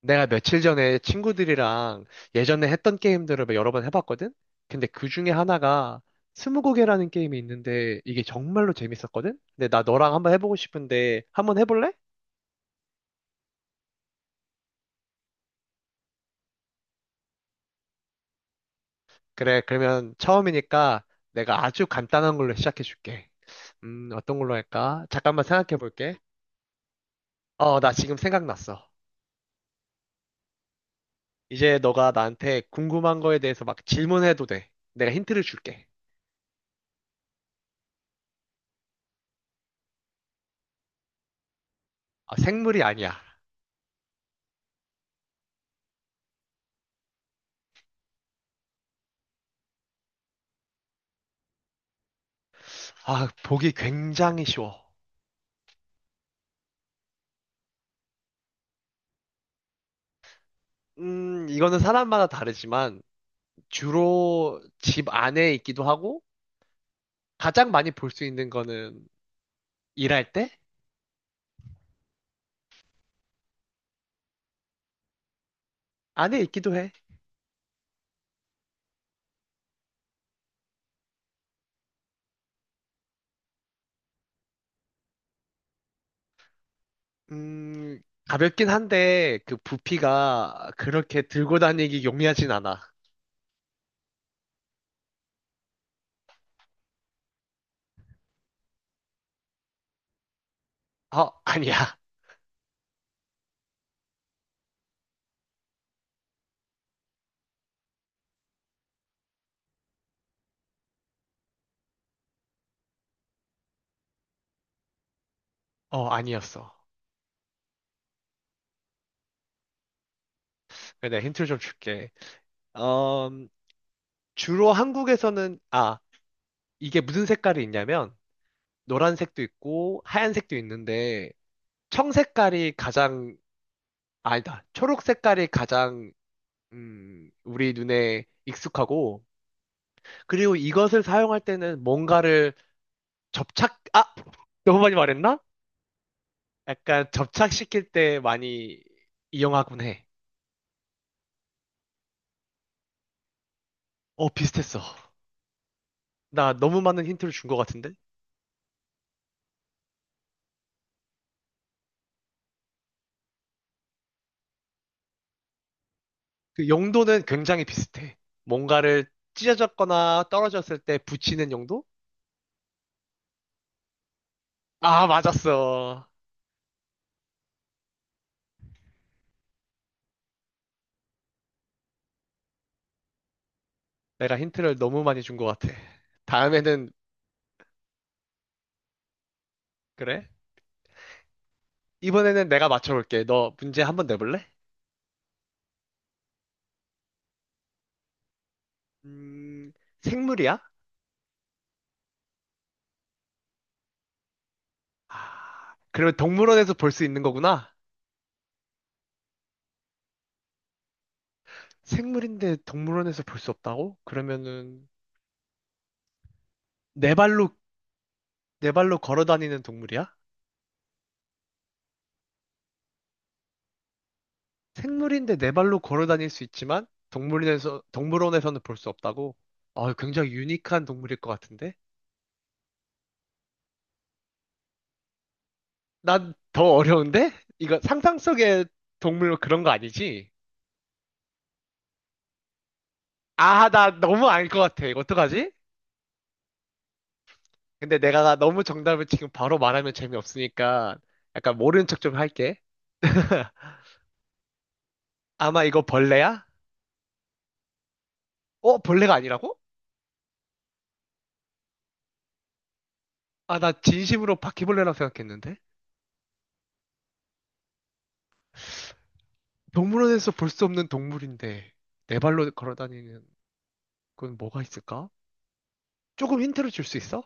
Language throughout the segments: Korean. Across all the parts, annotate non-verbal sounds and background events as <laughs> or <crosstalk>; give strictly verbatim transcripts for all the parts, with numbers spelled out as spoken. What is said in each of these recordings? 내가 며칠 전에 친구들이랑 예전에 했던 게임들을 막 여러 번 해봤거든? 근데 그 중에 하나가 스무고개라는 게임이 있는데 이게 정말로 재밌었거든? 근데 나 너랑 한번 해보고 싶은데 한번 해볼래? 그래, 그러면 처음이니까 내가 아주 간단한 걸로 시작해줄게. 음, 어떤 걸로 할까? 잠깐만 생각해볼게. 어, 나 지금 생각났어. 이제 너가 나한테 궁금한 거에 대해서 막 질문해도 돼. 내가 힌트를 줄게. 아, 생물이 아니야. 아, 보기 굉장히 쉬워. 음, 이거는 사람마다 다르지만 주로 집 안에 있기도 하고 가장 많이 볼 수 있는 거는 일할 때 안에 있기도 해. 음, 가볍긴 한데 그 부피가 그렇게 들고 다니기 용이하진 않아. 어, 아니야. 어, 아니었어. 그래, 내가 힌트를 좀 줄게. 어, 주로 한국에서는 아, 이게 무슨 색깔이 있냐면 노란색도 있고 하얀색도 있는데 청색깔이 가장 아니다. 초록 색깔이 가장 음, 우리 눈에 익숙하고, 그리고 이것을 사용할 때는 뭔가를 접착, 아! <laughs> 너무 많이 말했나? 약간 접착시킬 때 많이 이용하곤 해. 어, 비슷했어. 나 너무 많은 힌트를 준 것 같은데? 그 용도는 굉장히 비슷해. 뭔가를 찢어졌거나 떨어졌을 때 붙이는 용도? 아, 맞았어. 내가 힌트를 너무 많이 준 것 같아. 다음에는, 그래? 이번에는 내가 맞춰볼게. 너 문제 한 번 내볼래? 음, 생물이야? 아, 그러면 동물원에서 볼 수 있는 거구나? 생물인데 동물원에서 볼 수 없다고? 그러면은 네 발로 네 발로 걸어 다니는 동물이야? 생물인데 네 발로 걸어 다닐 수 있지만 동물원에서 동물원에서는 볼 수 없다고? 아, 굉장히 유니크한 동물일 것 같은데? 난 더 어려운데? 이거 상상 속의 동물 그런 거 아니지? 아, 나 너무 알 것 같아. 이거 어떡하지? 근데 내가 너무 정답을 지금 바로 말하면 재미없으니까 약간 모르는 척 좀 할게. <laughs> 아마 이거 벌레야? 어, 벌레가 아니라고? 아, 나 진심으로 바퀴벌레라고 생각했는데? 동물원에서 볼 수 없는 동물인데, 네 발로 걸어 다니는 건 뭐가 있을까? 조금 힌트를 줄 수 있어?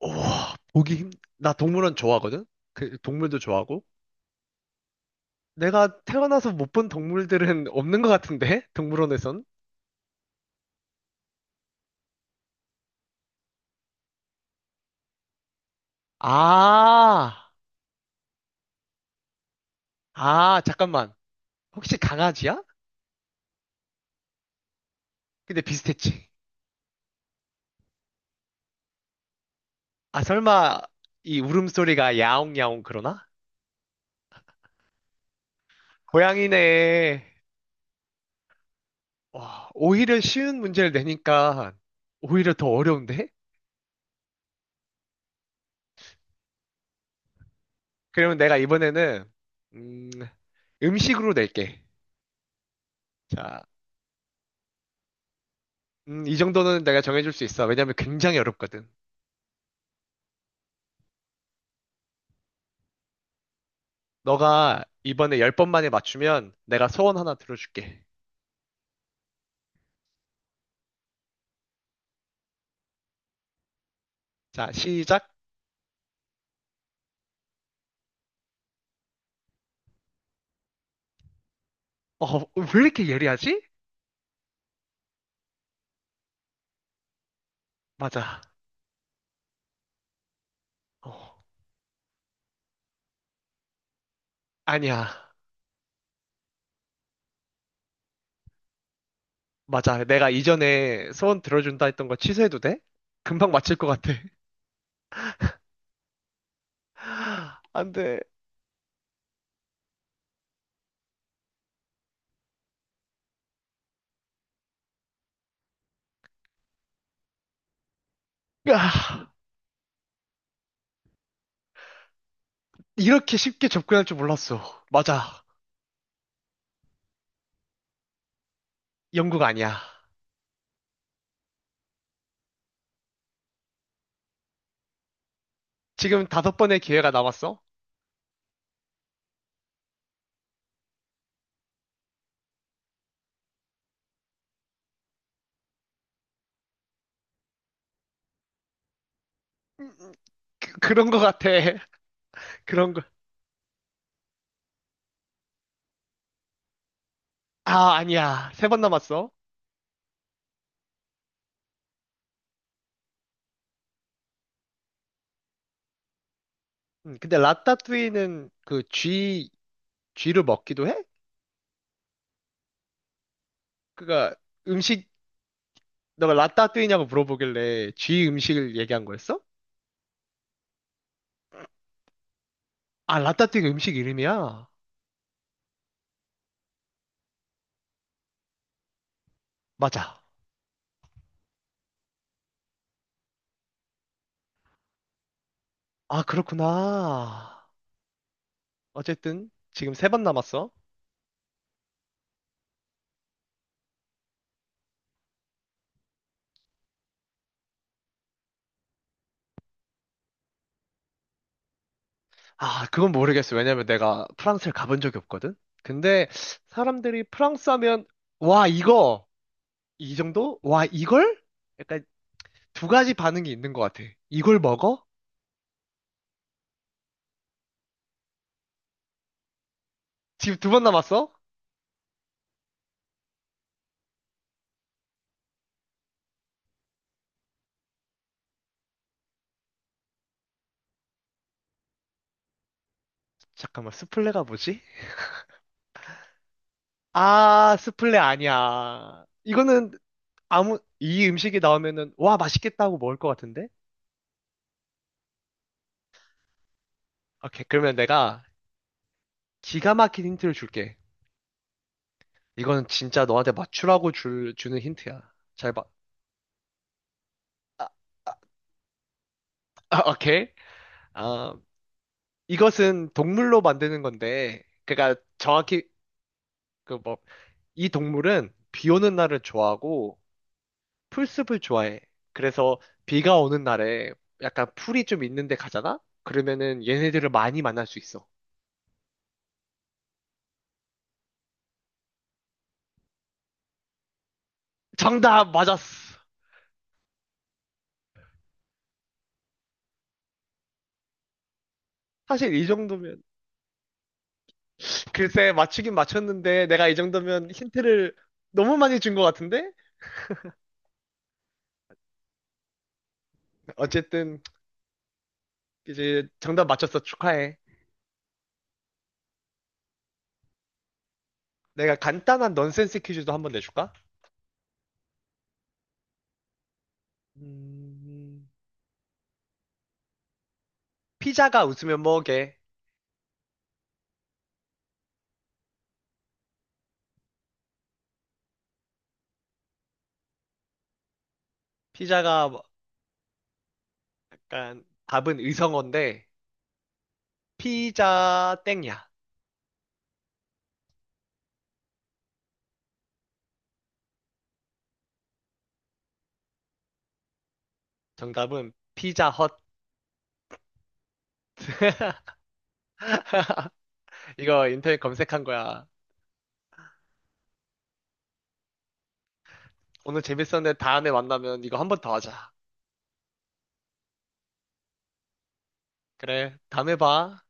우와, 보기 힘, 나 동물원 좋아하거든? 그, 동물도 좋아하고? 내가 태어나서 못 본 동물들은 없는 것 같은데? 동물원에선? 아, 아, 잠깐만. 혹시 강아지야? 근데 비슷했지. 아, 설마, 이 울음소리가 야옹야옹 그러나? 고양이네. 와, 오히려 쉬운 문제를 내니까 오히려 더 어려운데? 그러면 내가 이번에는 음, 음식으로 낼게. 자, 음, 이 정도는 내가 정해줄 수 있어. 왜냐면 굉장히 어렵거든. 너가 이번에 열 번 만에 맞추면 내가 소원 하나 들어줄게. 자, 시작. 어, 왜 이렇게 예리하지? 맞아. 어, 아니야. 맞아. 내가 이전에 소원 들어준다 했던 거 취소해도 돼? 금방 맞힐 것 같아. <gasps> <laughs> 안 돼. 으아. 이렇게 쉽게 접근할 줄 몰랐어. 맞아. 영국 아니야. 지금 다섯 번의 기회가 남았어? 그 런거 같아. <laughs> 그런 거. 아, 아니야. 세 번 남았어. 음, 근데 라따뚜이는 그 쥐, 쥐를 먹기도 해? 그니까 음식, 너가 라따뚜이냐고 물어보길래 쥐 음식을 얘기한 거였어? 아, 라따뚜이가 음식 이름이야? 맞아. 아, 그렇구나. 어쨌든 지금 세 번 남았어. 아, 그건 모르겠어. 왜냐면 내가 프랑스를 가본 적이 없거든? 근데 사람들이 프랑스 하면, 와, 이거! 이 정도? 와, 이걸? 약간 두 가지 반응이 있는 것 같아. 이걸 먹어? 지금 두 번 남았어? 잠깐만, 스플레가 뭐지? 아, 스플레 아니야. 이거는 아무, 이 음식이 나오면은, 와, 맛있겠다고 먹을 것 같은데? 오케이, 그러면 내가 기가 막힌 힌트를 줄게. 이거는 진짜 너한테 맞추라고 줄, 주는 힌트야. 잘 봐. 아, 아, 오케이. 아, 이것은 동물로 만드는 건데, 그러니까 정확히 그 뭐 이 동물은 비 오는 날을 좋아하고 풀숲을 좋아해. 그래서 비가 오는 날에 약간 풀이 좀 있는 데 가잖아? 그러면은 얘네들을 많이 만날 수 있어. 정답 맞았어. 사실 이 정도면 글쎄 맞추긴 맞췄는데 내가 이 정도면 힌트를 너무 많이 준 것 같은데? 어쨌든 이제 정답 맞췄어. 축하해. 내가 간단한 넌센스 퀴즈도 한번 내줄까? 음... 피자가 웃으면 뭐게? 피자가 뭐- 약간 답은 의성어인데 피자 땡이야. 정답은 피자 헛. <laughs> 이거 인터넷 검색한 거야. 오늘 재밌었는데 다음에 만나면 이거 한 번 더 하자. 그래, 다음에 봐.